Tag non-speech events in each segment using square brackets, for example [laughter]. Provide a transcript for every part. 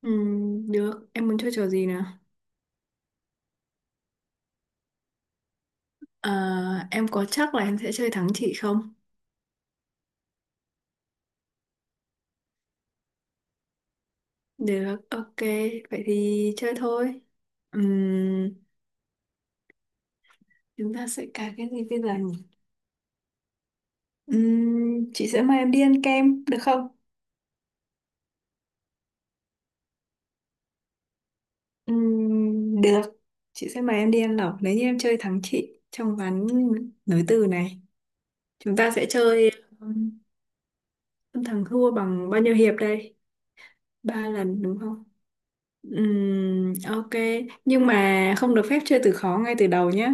Ừ, được, em muốn chơi trò gì nào? À, em có chắc là em sẽ chơi thắng chị không? Được, ok, vậy thì chơi thôi. Ừm, Chúng ta sẽ cài cái gì bây giờ nhỉ? Chị sẽ mời em đi ăn kem, được không? Được, chị sẽ mời em đi ăn lẩu nếu như em chơi thắng chị trong ván nối từ này. Chúng ta sẽ chơi ừm, thắng thua bằng bao nhiêu hiệp đây? Ba lần đúng không? Ok, nhưng mà không được phép chơi từ khó ngay từ đầu nhé.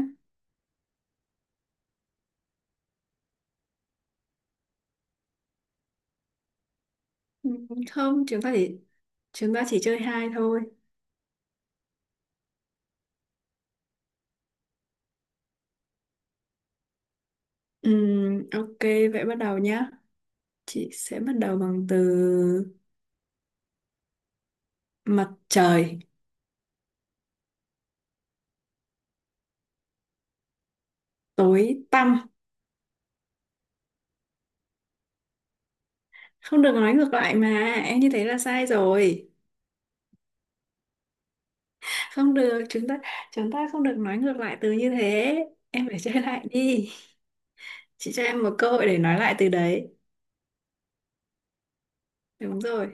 Ừ, không, chúng ta chỉ chơi hai thôi. Ok, vậy bắt đầu nhá. Chị sẽ bắt đầu bằng từ mặt trời. Tối tăm. Không được nói ngược lại mà, em như thế là sai rồi. Không được, chúng ta không được nói ngược lại từ như thế. Em phải chơi lại đi. Chị cho em một cơ hội để nói lại từ đấy. Đúng rồi.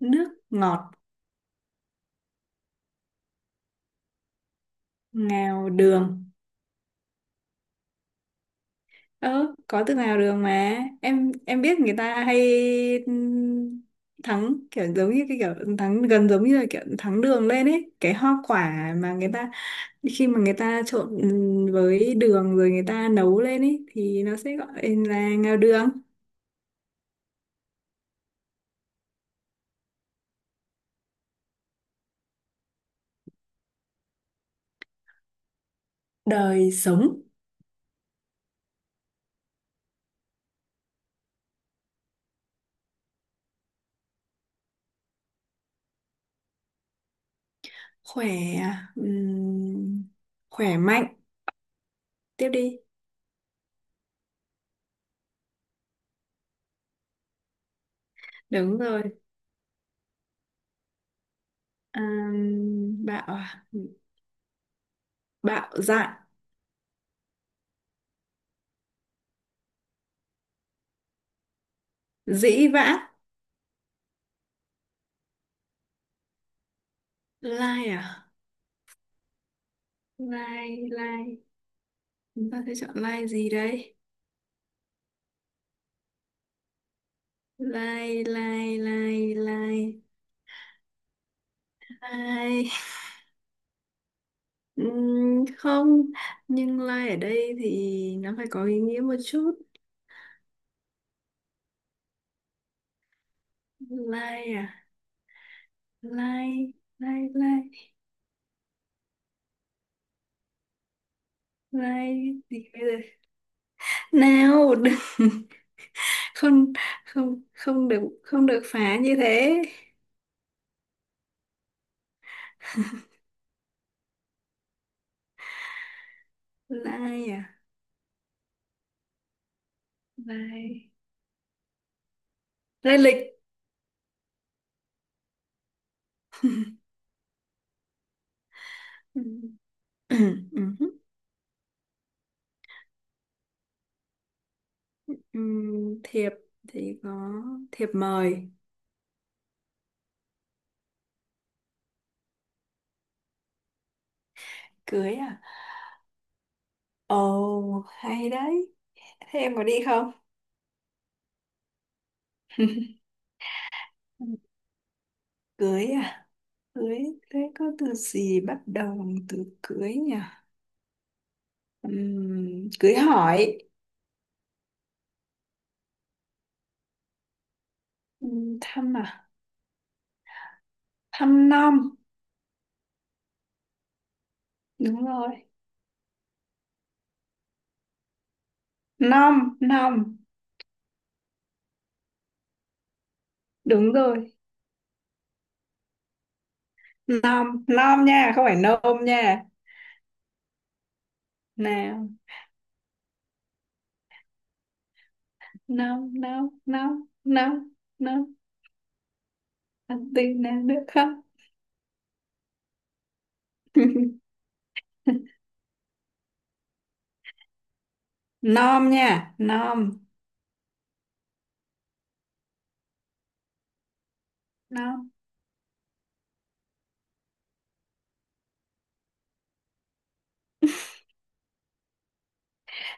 Nước ngọt. Ngào đường. Ờ, có từ nào đường mà em biết người ta hay ừm, thắng kiểu giống như cái kiểu thắng gần giống như là kiểu thắng đường lên ấy, cái hoa quả mà người ta, khi mà người ta trộn với đường rồi người ta nấu lên ấy thì nó sẽ gọi là ngao đường. Đời sống khỏe. ừm, Khỏe mạnh. Tiếp đi. Đúng rồi. Bạo à? Bạo dạn. Dĩ vãng. Lai à? Lai lai. Chúng ta sẽ chọn line gì đây? Line, line, line, line, line. Không, nhưng line ở đây thì nó phải có ý nghĩa một chút. Line à? Line, line, line, line gì bây giờ? Nào, đừng, [laughs] không, không được, không được phá như thế. Line à? Line, line lịch. Ừm, [clears throat] ừm, thiệp thì có thiệp mời. Cưới à? Ồ, hay đấy. Thế em có đi không? Cưới à? Cưới, cưới có từ gì bắt đầu bằng từ cưới nhỉ? Cưới hỏi. Thăm à? Thăm nom. Đúng rồi. Nom, nom. Đúng rồi. Nom, nom nha, không phải nôm nha. Nào, nom, nom, nom, nom, nom. Ăn tin nào được không? [laughs] Nom nha, nom, nom.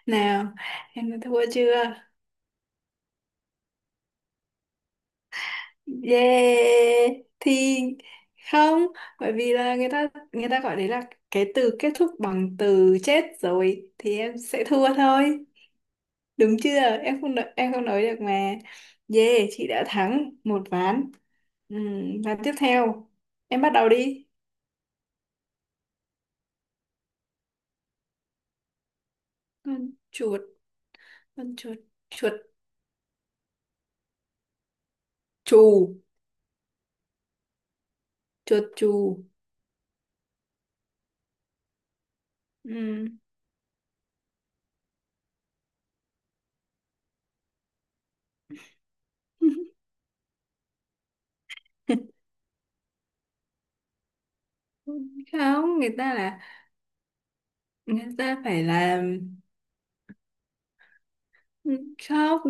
Nào, em đã thua chưa? Yeah thì không, bởi vì là người ta, người ta gọi đấy là cái từ kết thúc bằng từ chết rồi thì em sẽ thua thôi, đúng chưa? Em không nói, em không nói được mà. Yeah, chị đã thắng một ván. Ừ, ván tiếp theo em bắt đầu đi. Con chuột. con chuột Chuột chù. Chuột chù, ừ. [laughs] Không, người ta phải là, ừ, khóc.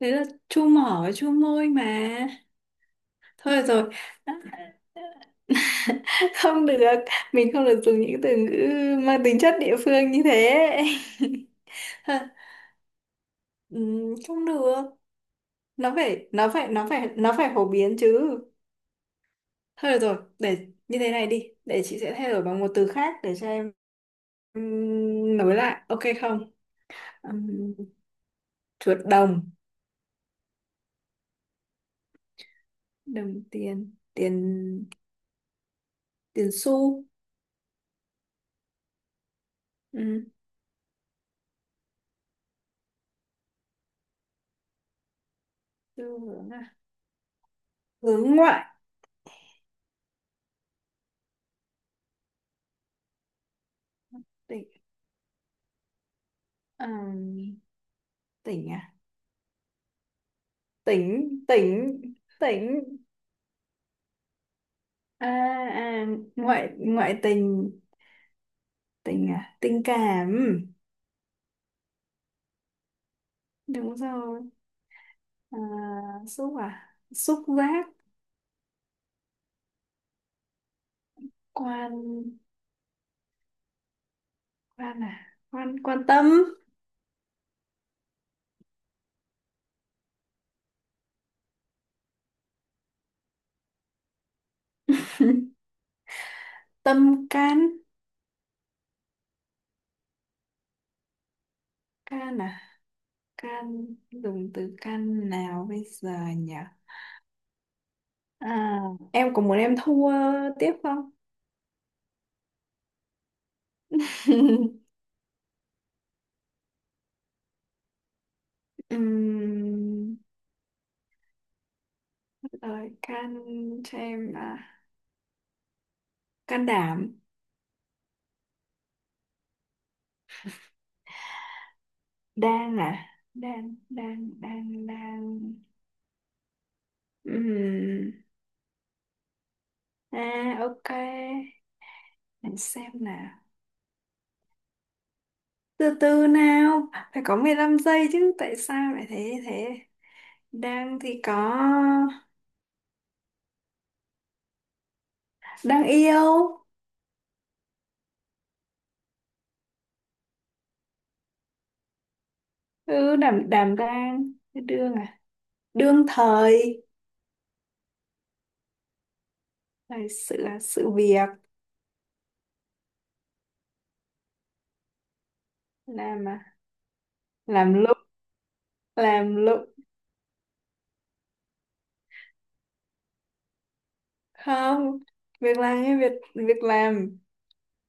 Đấy là chu mỏ với chu môi mà. Thôi được rồi. [laughs] Không được, mình không được dùng những từ ngữ mang tính chất địa phương như thế. [laughs] Ừ, không được, nó phải phổ biến chứ. Thôi được rồi, để như thế này đi, để chị sẽ thay đổi bằng một từ khác để cho em nối lại, ok không? Ừm, chuột đồng. Đồng tiền. Tiền xu. Ừ, xu hướng à? Hướng ngoại. Tỉnh, ờ, tỉnh à? Tỉnh tỉnh. Tỉnh à, à, ngoại ngoại tình. Tình à? Tình cảm. Đúng rồi. À, xúc à? Xúc giác. Quan, quan à, quan quan tâm. Tâm can. Can à? Can, dùng từ can nào bây giờ nhỉ? À, em có muốn em thua tiếp không? [laughs] Ừm, Rồi can cho em à, can đảm. Đang à? Đang đang đang đang. Ừm, à, ok, để xem nào. Từ từ nào, phải có 15 giây chứ, tại sao lại thế thế? Đang thì có đang yêu. Ừ, đảm đảm đang. Cái đương à? Đương thời. Là sự việc. Làm à? Làm lụng. làm lụng Không, việc làm, như việc việc làm.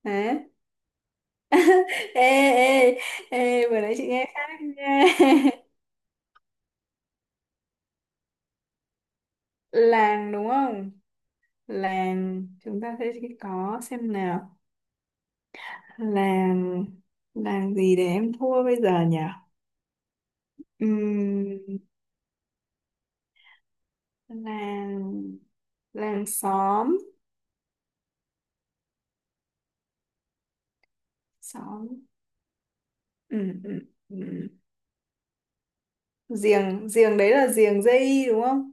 Hả? [laughs] Ê, ê, ê, vừa nãy chị nghe khác nha. [laughs] Làng đúng không? Làng, chúng ta sẽ có xem nào. Làng, làng gì để em thua bây giờ nhỉ? Ừm, làng, làng xóm. Xóm. Ừm, ừm, ừm. Giềng, giềng đấy là giềng dây đúng không?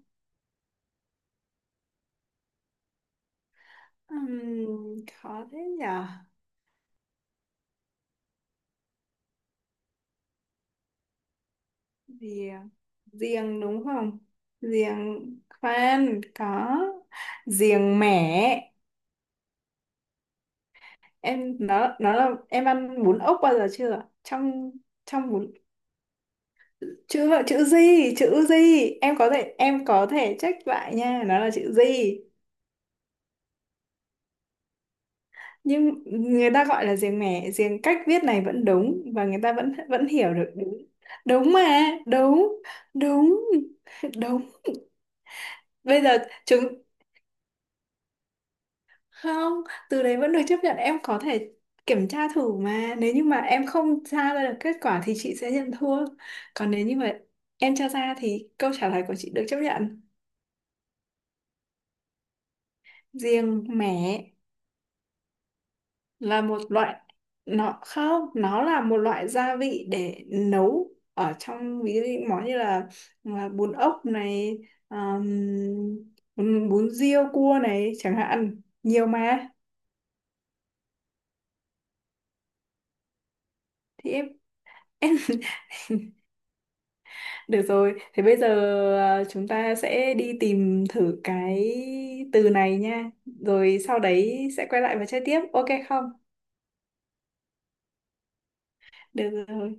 Khó thế nhỉ? Riềng, riềng đúng không? Riềng, khoan, có riềng mẻ. Em nó là em ăn bún ốc bao giờ chưa, trong, trong bún. Chữ là chữ gì? Chữ gì em có thể, em có thể check lại nha, nó là chữ gì. Nhưng người ta gọi là riềng mẻ, riềng cách viết này vẫn đúng và người ta vẫn, vẫn hiểu được, đúng. Đúng mà, đúng, đúng, đúng. Bây giờ chúng, không, từ đấy vẫn được chấp nhận, em có thể kiểm tra thử mà, nếu như mà em không tra ra được kết quả thì chị sẽ nhận thua, còn nếu như mà em tra ra thì câu trả lời của chị được chấp nhận. Riêng mẻ là một loại, nó không, nó là một loại gia vị để nấu ở trong, ví dụ như món như là bún ốc này, um, bún, bún riêu cua này chẳng hạn, nhiều mà. Thì em, em. [laughs] Được rồi, thế bây giờ, à, chúng ta sẽ đi tìm thử cái từ này nha. Rồi sau đấy sẽ quay lại và chơi tiếp, ok không? Được rồi,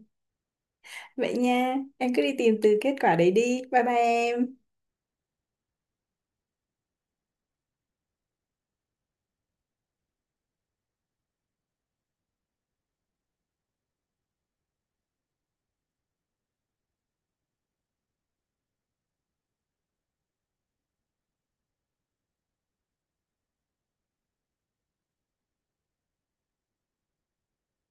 vậy nha, em cứ đi tìm từ kết quả đấy đi. Bye bye em.